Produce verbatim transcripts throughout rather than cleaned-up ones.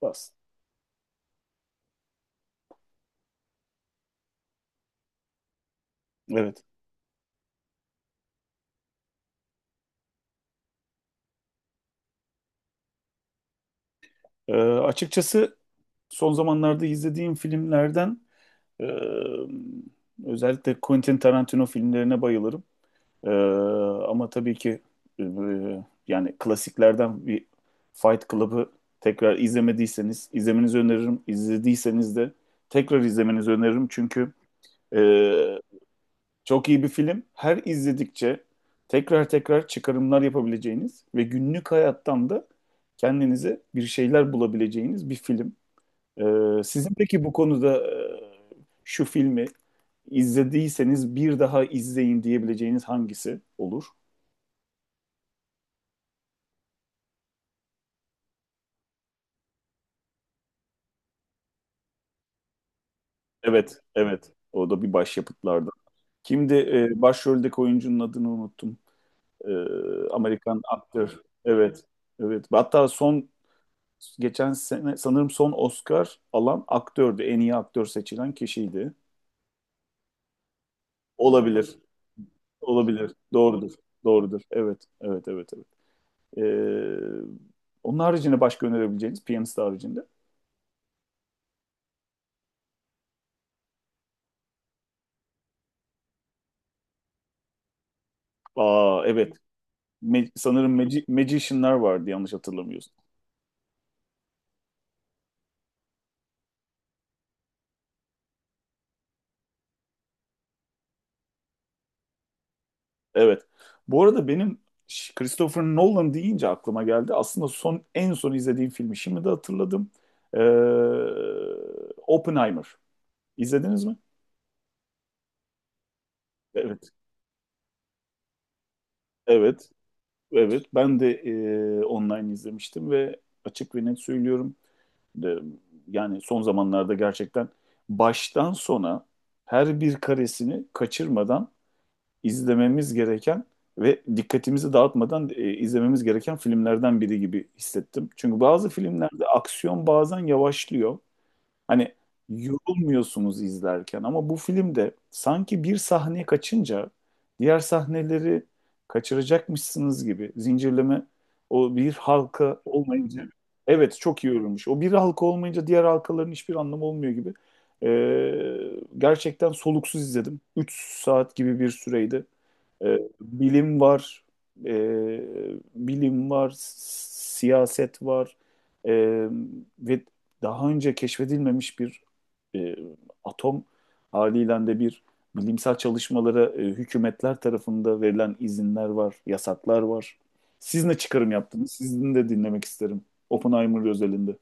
Bas. Evet. Ee, açıkçası son zamanlarda izlediğim filmlerden e, özellikle Quentin Tarantino filmlerine bayılırım. Ee, Ama tabii ki e, yani klasiklerden bir Fight Club'ı tekrar izlemediyseniz izlemenizi öneririm. İzlediyseniz de tekrar izlemenizi öneririm. Çünkü e, Çok iyi bir film. Her izledikçe tekrar tekrar çıkarımlar yapabileceğiniz ve günlük hayattan da kendinize bir şeyler bulabileceğiniz bir film. Ee, sizin peki bu konuda e, şu filmi izlediyseniz bir daha izleyin diyebileceğiniz hangisi olur? Evet, evet. O da bir başyapıtlardan. Kimdi e, başroldeki oyuncunun adını unuttum. Ee, Amerikan aktör. Evet, evet. Hatta son Geçen sene sanırım son Oscar alan aktördü. En iyi aktör seçilen kişiydi. Olabilir. Olabilir. Doğrudur. Doğrudur. Evet. Evet. Evet. Evet. Ee, Onun haricinde başka önerebileceğiniz piyanist haricinde. Aa evet. Me- sanırım Magi- Magician'lar vardı yanlış hatırlamıyorsun. Evet. Bu arada benim Ş- Christopher Nolan deyince aklıma geldi. Aslında son En son izlediğim filmi şimdi de hatırladım. Ee, Oppenheimer. İzlediniz mi? Evet. Evet. Evet, ben de e, online izlemiştim ve açık ve net söylüyorum. De, Yani son zamanlarda gerçekten baştan sona her bir karesini kaçırmadan izlememiz gereken ve dikkatimizi dağıtmadan e, izlememiz gereken filmlerden biri gibi hissettim. Çünkü bazı filmlerde aksiyon bazen yavaşlıyor. Hani yorulmuyorsunuz izlerken ama bu filmde sanki bir sahne kaçınca diğer sahneleri kaçıracakmışsınız gibi zincirleme o bir halka olmayınca evet çok iyi örülmüş. O bir halka olmayınca diğer halkaların hiçbir anlamı olmuyor gibi. Ee, gerçekten soluksuz izledim. üç saat gibi bir süreydi. Ee, bilim var, ee, Bilim var, s- siyaset var. Ee, Ve daha önce keşfedilmemiş bir e, atom haliyle de bir bilimsel çalışmalara e, hükümetler tarafında verilen izinler var, yasaklar var. Siz ne çıkarım yaptınız? Sizin de dinlemek isterim. Oppenheimer özelinde.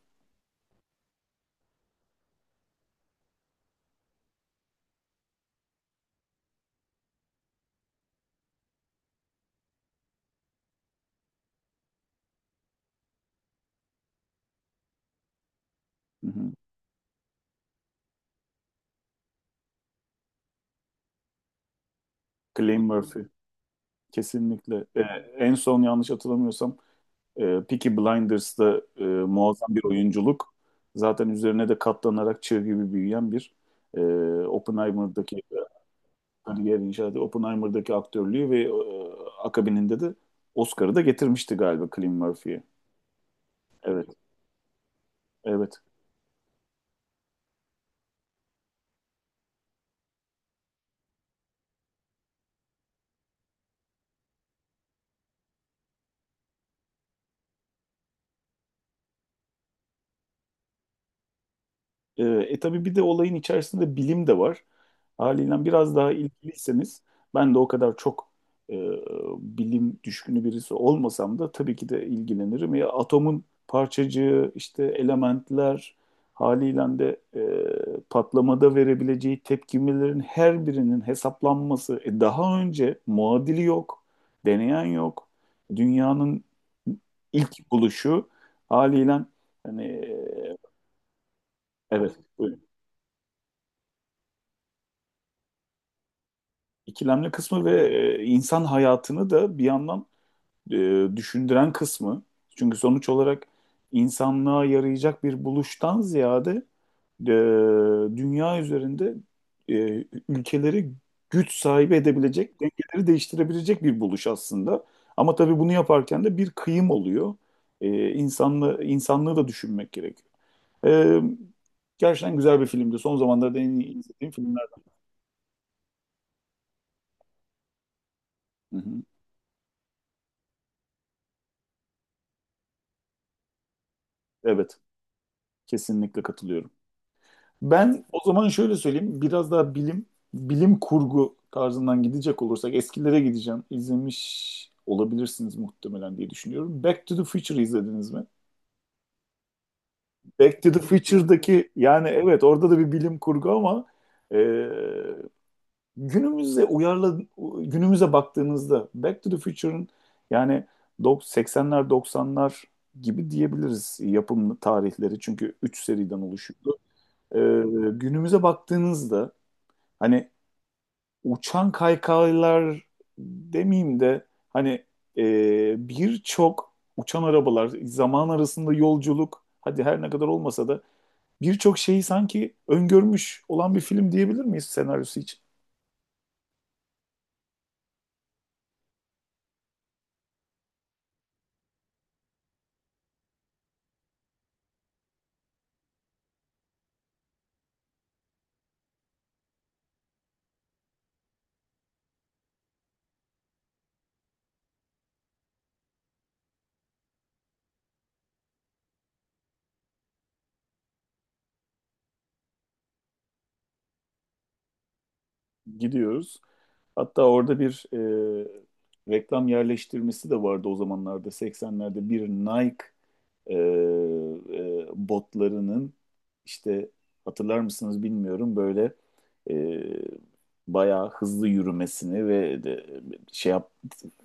Hı hı. Cillian Murphy. Kesinlikle. E, en son yanlış hatırlamıyorsam e, Peaky Blinders'da e, muazzam bir oyunculuk. Zaten üzerine de katlanarak çığ gibi büyüyen bir e, Oppenheimer'daki kariyer inşa etti. Oppenheimer'daki aktörlüğü ve e, akabininde de Oscar'ı da getirmişti galiba Cillian Murphy'ye. Evet, evet. E, e tabii bir de olayın içerisinde bilim de var. Haliyle biraz daha ilgiliyseniz ben de o kadar çok e, bilim düşkünü birisi olmasam da tabii ki de ilgilenirim. Ya atomun parçacığı, işte elementler haliyle de e, patlamada verebileceği tepkimelerin her birinin hesaplanması. E, daha önce muadili yok, deneyen yok. Dünyanın ilk buluşu haliyle hani e, evet buyurun. İkilemli kısmı ve e, insan hayatını da bir yandan e, düşündüren kısmı. Çünkü sonuç olarak insanlığa yarayacak bir buluştan ziyade e, dünya üzerinde e, ülkeleri güç sahibi edebilecek, dengeleri değiştirebilecek bir buluş aslında. Ama tabii bunu yaparken de bir kıyım oluyor. E, insanlı, insanlığı da düşünmek gerekiyor. E, Gerçekten güzel bir filmdi. Son zamanlarda en iyi izlediğim filmler. Hı hı. Evet, kesinlikle katılıyorum. Ben o zaman şöyle söyleyeyim. Biraz daha bilim, bilim kurgu tarzından gidecek olursak eskilere gideceğim. İzlemiş olabilirsiniz muhtemelen diye düşünüyorum. Back to the Future izlediniz mi? Back to the Future'daki yani evet orada da bir bilim kurgu ama e, günümüze uyarla günümüze baktığınızda Back to the Future'ın yani dok- seksenler doksanlar gibi diyebiliriz yapım tarihleri çünkü üç seriden oluşuyordu. E, Günümüze baktığınızda hani uçan kaykaylar demeyeyim de hani e, birçok uçan arabalar, zaman arasında yolculuk, hadi her ne kadar olmasa da birçok şeyi sanki öngörmüş olan bir film diyebilir miyiz senaryosu için? Gidiyoruz. Hatta orada bir e, reklam yerleştirmesi de vardı o zamanlarda seksenlerde bir Nike e, e, botlarının işte hatırlar mısınız bilmiyorum böyle e, bayağı hızlı yürümesini ve de, şey yap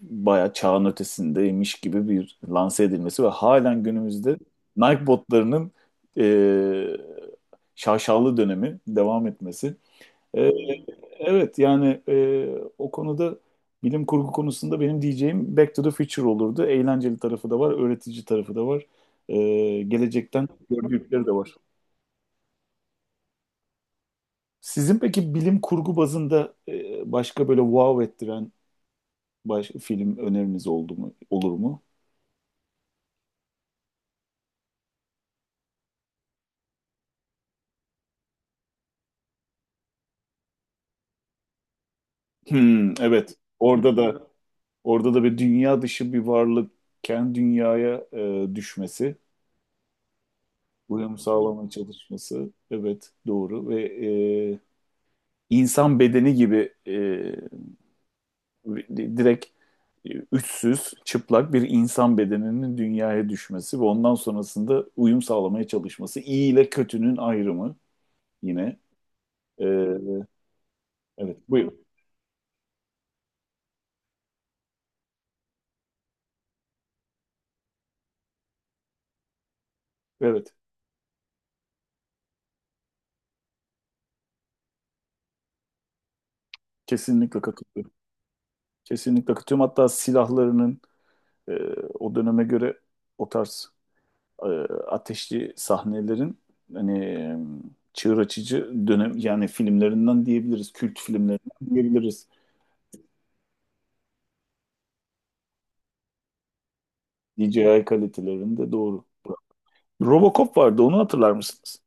bayağı çağın ötesindeymiş gibi bir lanse edilmesi ve halen günümüzde Nike botlarının e, şaşalı dönemi devam etmesi ee, evet yani e, o konuda bilim kurgu konusunda benim diyeceğim Back to the Future olurdu. Eğlenceli tarafı da var, öğretici tarafı da var. Ee, gelecekten gördükleri de var. Sizin peki bilim kurgu bazında e, başka böyle wow ettiren baş, film öneriniz oldu mu, olur mu? Hmm, evet. Orada da orada da bir dünya dışı bir varlık kendi dünyaya e, düşmesi, uyum sağlamaya çalışması. Evet, doğru ve insan bedeni gibi e, direkt üstsüz, çıplak bir insan bedeninin dünyaya düşmesi ve ondan sonrasında uyum sağlamaya çalışması. İyi ile kötünün ayrımı yine. E, evet, buyur. Evet, kesinlikle katılıyorum. Kesinlikle katılıyorum. Hatta silahlarının e, o döneme göre o tarz e, ateşli sahnelerin hani e, çığır açıcı dönem yani filmlerinden diyebiliriz, kült filmlerinden diyebiliriz. D J I kalitelerinde doğru. Robocop vardı onu hatırlar mısınız?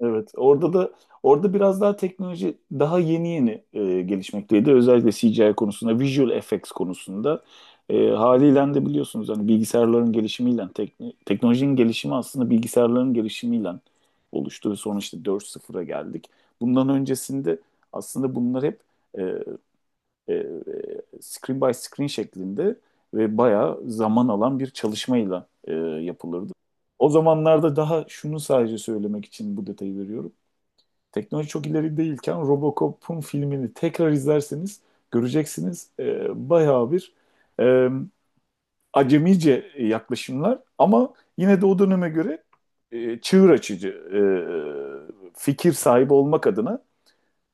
Evet orada da orada biraz daha teknoloji daha yeni yeni e, gelişmekteydi. Özellikle C G I konusunda, visual effects konusunda e, haliyle de biliyorsunuz hani bilgisayarların gelişimiyle tekno- teknolojinin gelişimi aslında bilgisayarların gelişimiyle oluştu ve sonra işte dört sıfıra geldik. Bundan öncesinde aslında bunlar hep e, e, e, screen by screen şeklinde ve bayağı zaman alan bir çalışmayla e, yapılırdı. O zamanlarda daha şunu sadece söylemek için bu detayı veriyorum. Teknoloji çok ileri değilken Robocop'un filmini tekrar izlerseniz göreceksiniz e, bayağı bir e, acemice yaklaşımlar ama yine de o döneme göre e, çığır açıcı e, fikir sahibi olmak adına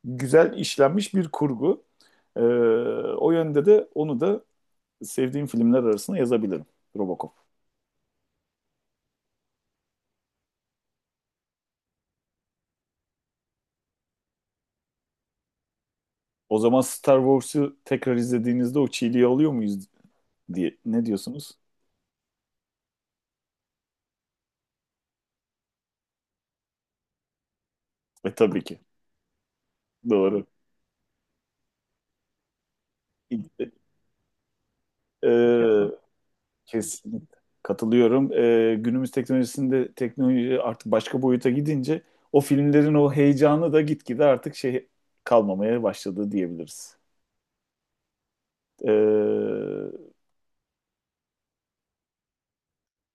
güzel işlenmiş bir kurgu. Ee, O yönde de onu da sevdiğim filmler arasına yazabilirim Robocop. O zaman Star Wars'u tekrar izlediğinizde o çiğliği alıyor muyuz diye ne diyorsunuz? E tabii ki. Doğru. Ee, Kesinlikle. Katılıyorum. Ee, günümüz teknolojisinde teknoloji artık başka boyuta gidince o filmlerin o heyecanı da gitgide artık şey kalmamaya başladı diyebiliriz. Ee,